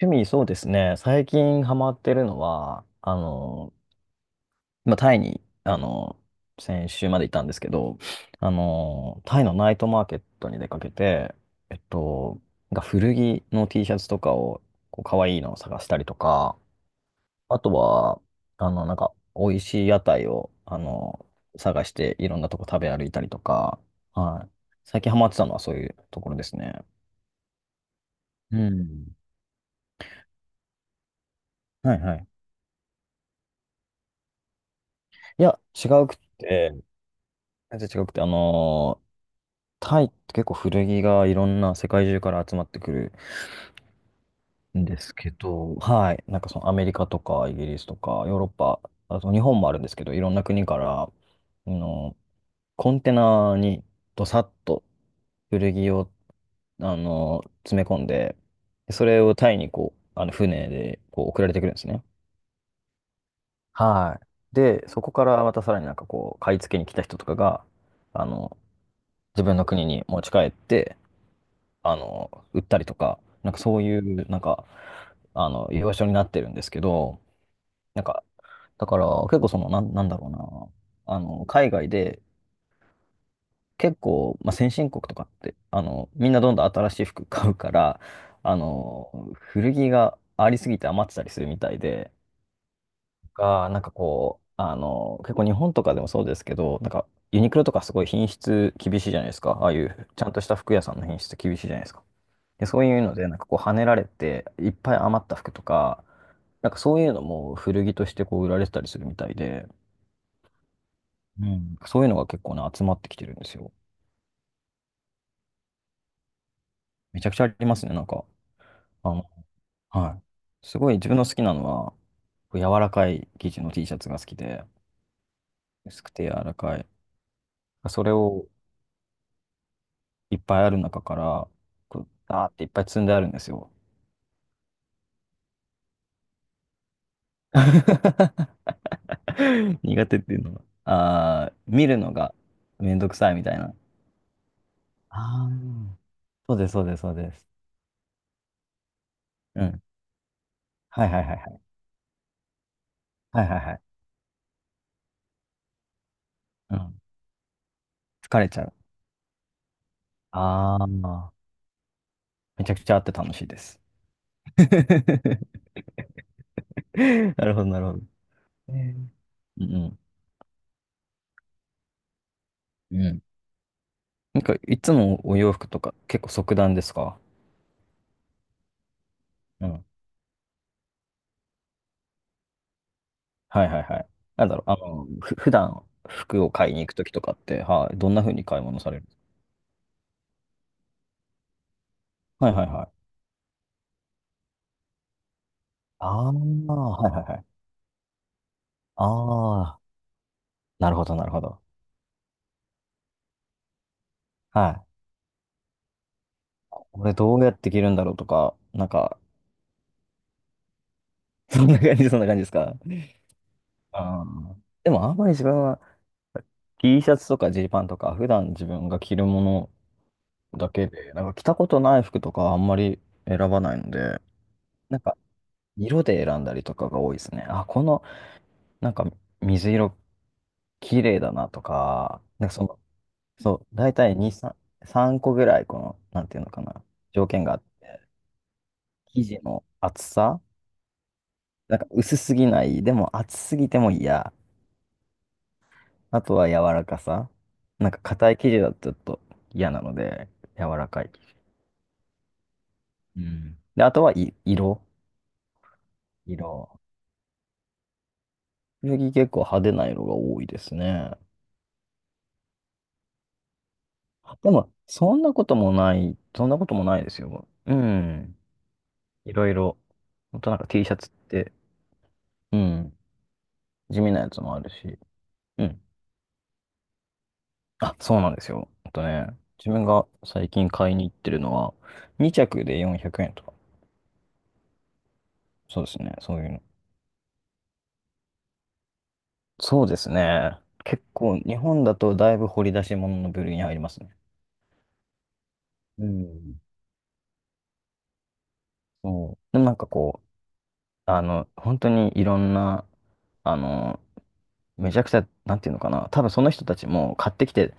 趣味、そうですね。最近ハマってるのは、タイに、先週までいたんですけど、タイのナイトマーケットに出かけて、えっと、が古着の T シャツとかを、こう、可愛いのを探したりとか、あとは、なんか、美味しい屋台を、探して、いろんなとこ食べ歩いたりとか、はい。最近ハマってたのはそういうところですね。うん。はいはい。いや、違うくって、全然違くて、タイって結構古着がいろんな世界中から集まってくるんですけど、はい、なんかそのアメリカとかイギリスとかヨーロッパ、あと日本もあるんですけど、いろんな国から、あのコンテナにどさっと古着を、詰め込んで、それをタイにこう、船でこう送られてくるんですね。はい。で、そこからまたさらになんかこう、買い付けに来た人とかが、あの、自分の国に持ち帰って、売ったりとか、なんかそういう、なんか、居場所になってるんですけど、なんか、だから結構その、なんだろうな、海外で結構、先進国とかって、みんなどんどん新しい服 買うから、古着がありすぎて余ってたりするみたいで、が、なんかこう、結構日本とかでもそうですけど、なんかユニクロとかすごい品質厳しいじゃないですか。ああいうちゃんとした服屋さんの品質厳しいじゃないですか。で、そういうので、なんかこう、跳ねられて、いっぱい余った服とか、なんかそういうのも古着としてこう、売られてたりするみたいで、うん。そういうのが結構ね、集まってきてるんですよ。めちゃくちゃありますね、なんか。あの、はい。すごい自分の好きなのは、こう柔らかい生地の T シャツが好きで、薄くて柔らかい。それをいっぱいある中から、こう、ダーっていっぱい積んであるんですよ。苦手っていうのは？ああ、見るのがめんどくさいみたいな。ああ。そうです、そうです、そうです。うん。はいはいはいはい。はいはいはい。うん。疲れちゃう。ああ、めちゃくちゃあって楽しいです。なるほど、なるほど。えーうんうん。うん。なんか、いつもお洋服とか結構即断ですか？うん。はいはいはい。なんだろう、普段服を買いに行くときとかって、はい、どんな風に買い物される？はいはいはい。ああ、はいはいはい。ああ、なるほど、なるほど。はい。これどうやって着るんだろうとか、なんか、そんな感じ、そんな感じですか？あーでもあんまり自分は T シャツとかジーパンとか普段自分が着るものだけで、なんか着たことない服とかはあんまり選ばないので、なんか色で選んだりとかが多いですね。あ、このなんか水色綺麗だなとか、なんかその、そう、大体2、3、3個ぐらいこの、なんていうのかな、条件があって、生地の厚さ、なんか薄すぎない、でも厚すぎても嫌、あとは柔らかさ。なんか硬い生地だとちょっと嫌なので、柔らかい。うん。で、あとはい色。色。次結構派手な色が多いですね。でも、そんなこともない、そんなこともないですよ。うん。いろいろ。ほんとなんか T シャツって、うん。地味なやつもあるし。うん。あ、そうなんですよ。あとね、自分が最近買いに行ってるのは、2着で400円とか。そうですね。そういうの。そうですね。結構、日本だとだいぶ掘り出し物の部類に入りますね。うん。そう。でもなんかこう、本当にいろんな、あの、めちゃくちゃ、なんていうのかな、多分その人たちも買ってきて、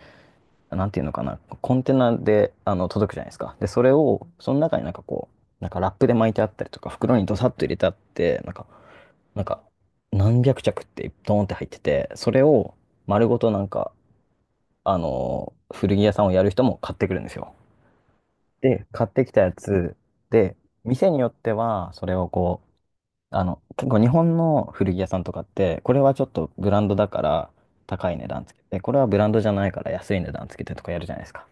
なんていうのかな、コンテナで、届くじゃないですか。で、それを、その中になんかこう、なんかラップで巻いてあったりとか、袋にドサッと入れてあって、なんか、何百着ってドーンって入ってて、それを丸ごとなんか、古着屋さんをやる人も買ってくるんですよ。で、買ってきたやつで、店によっては、それをこう、結構日本の古着屋さんとかって、これはちょっとブランドだから高い値段つけて、これはブランドじゃないから安い値段つけてとかやるじゃないですか。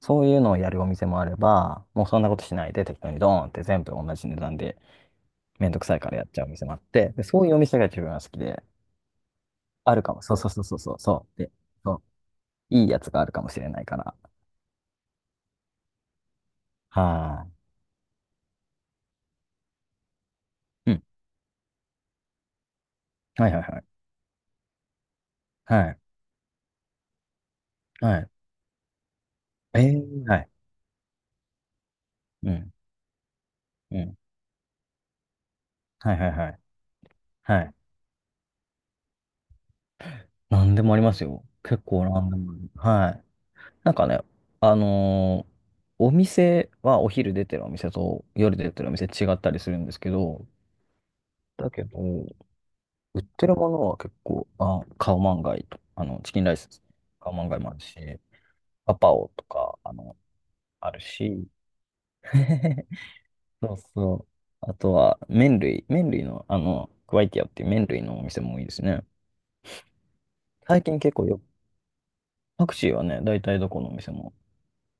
そういうのをやるお店もあれば、もうそんなことしないで適当にドーンって全部同じ値段でめんどくさいからやっちゃうお店もあって、で、そういうお店が自分は好きで、あるかも。そうそうそうそうそうそう。で、そう、いいやつがあるかもしれないから。はーい。うん。はいはいはい。はい。はい。えー、はい。うん。うん。はいはいはい。はい。なんでもありますよ。結構なんでもある。はい。なんかね、あのーお店はお昼出てるお店と夜出てるお店違ったりするんですけど、だけど、売ってるものは結構、あ、カオマンガイと、チキンライスですね。カオマンガイもあるし、パパオとか、あるし、そうそう。あとは、麺類の、クワイティアっていう麺類のお店もいいですね。最近結構よ、パクチーはね、大体どこのお店も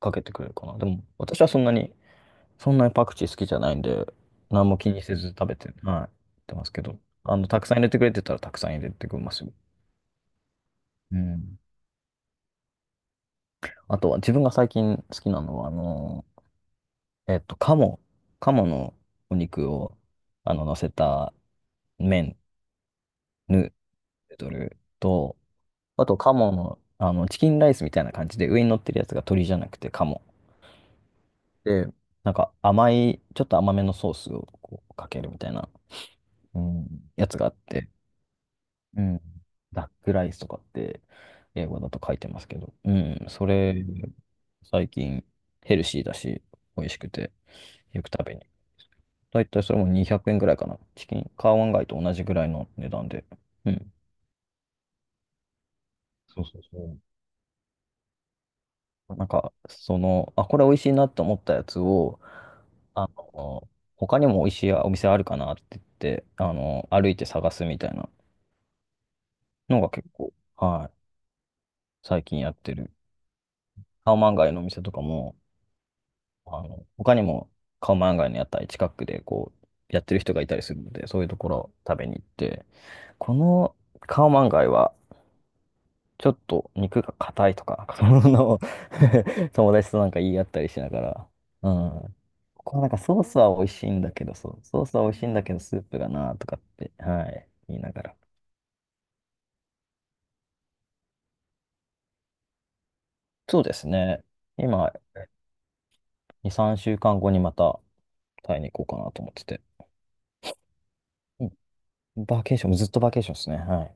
かけてくれるかな。でも、私はそんなに、パクチー好きじゃないんで、何も気にせず食べて、はい、食べてますけど、たくさん入れてくれてたらたくさん入れてくれますよ。うん。あとは、自分が最近好きなのは、えっと、鴨、鴨のお肉を、乗せた麺、ヌードルと、あと、鴨の、チキンライスみたいな感じで、上に乗ってるやつが鶏じゃなくて鴨。で、なんか甘い、ちょっと甘めのソースをこうかけるみたいな。うん、やつがあって、うん、ダックライスとかって英語だと書いてますけど、うん、それ、最近ヘルシーだし、美味しくて、よく食べに行くだいたいそれも200円ぐらいかな。チキン、カーワンガイと同じぐらいの値段で。うん。そうそうそう。なんか、その、あ、これ美味しいなと思ったやつを、あの、他にも美味しいお店あるかなって言って、歩いて探すみたいなのが結構、はい、最近やってるカオマンガイのお店とかも、他にもカオマンガイの屋台近くでこう、やってる人がいたりするので、そういうところ食べに行って、このカオマンガイは、ちょっと肉が硬いとか、そんなのを 友達となんか言い合ったりしながら、うん。ここはなんかソースは美味しいんだけど、そう、ソースは美味しいんだけど、スープがなとかって、はい、言いながら。そうですね。今、2、3週間後にまたタイに行こうかなと思ってて。うんバーケーション、ずっとバーケーションですね。はい。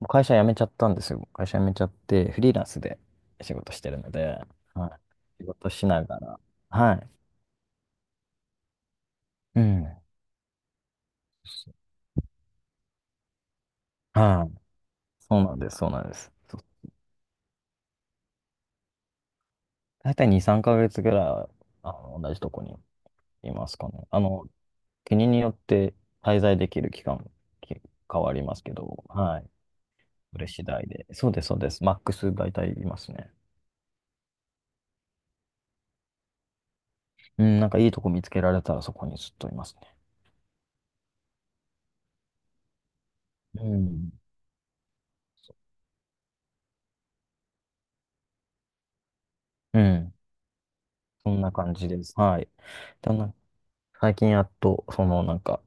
もう会社辞めちゃったんですよ。会社辞めちゃって、フリーランスで仕事してるので、はい。仕事しながら、はい。うん。はい。そうなんです、そうなんです。そう大体2、3ヶ月ぐらい、同じとこにいますかね。国によって滞在できる期間、き変わりますけど、はい。それ次第で。そうです、そうです。マックス大体いますね。うん、なんかいいとこ見つけられたらそこにずっといますね。うん。うん。そんな感じです。はい。だな最近やっと、そのなんか、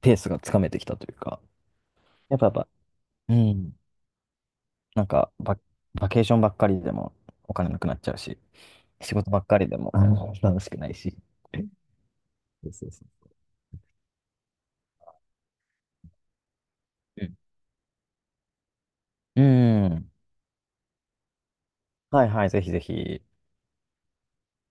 ペースがつかめてきたというか、やっぱ、うん、なんかバケーションばっかりでもお金なくなっちゃうし、仕事ばっかりでもうん楽しくないし。そうそうそう。うん。うん。はいはい、ぜひぜひ。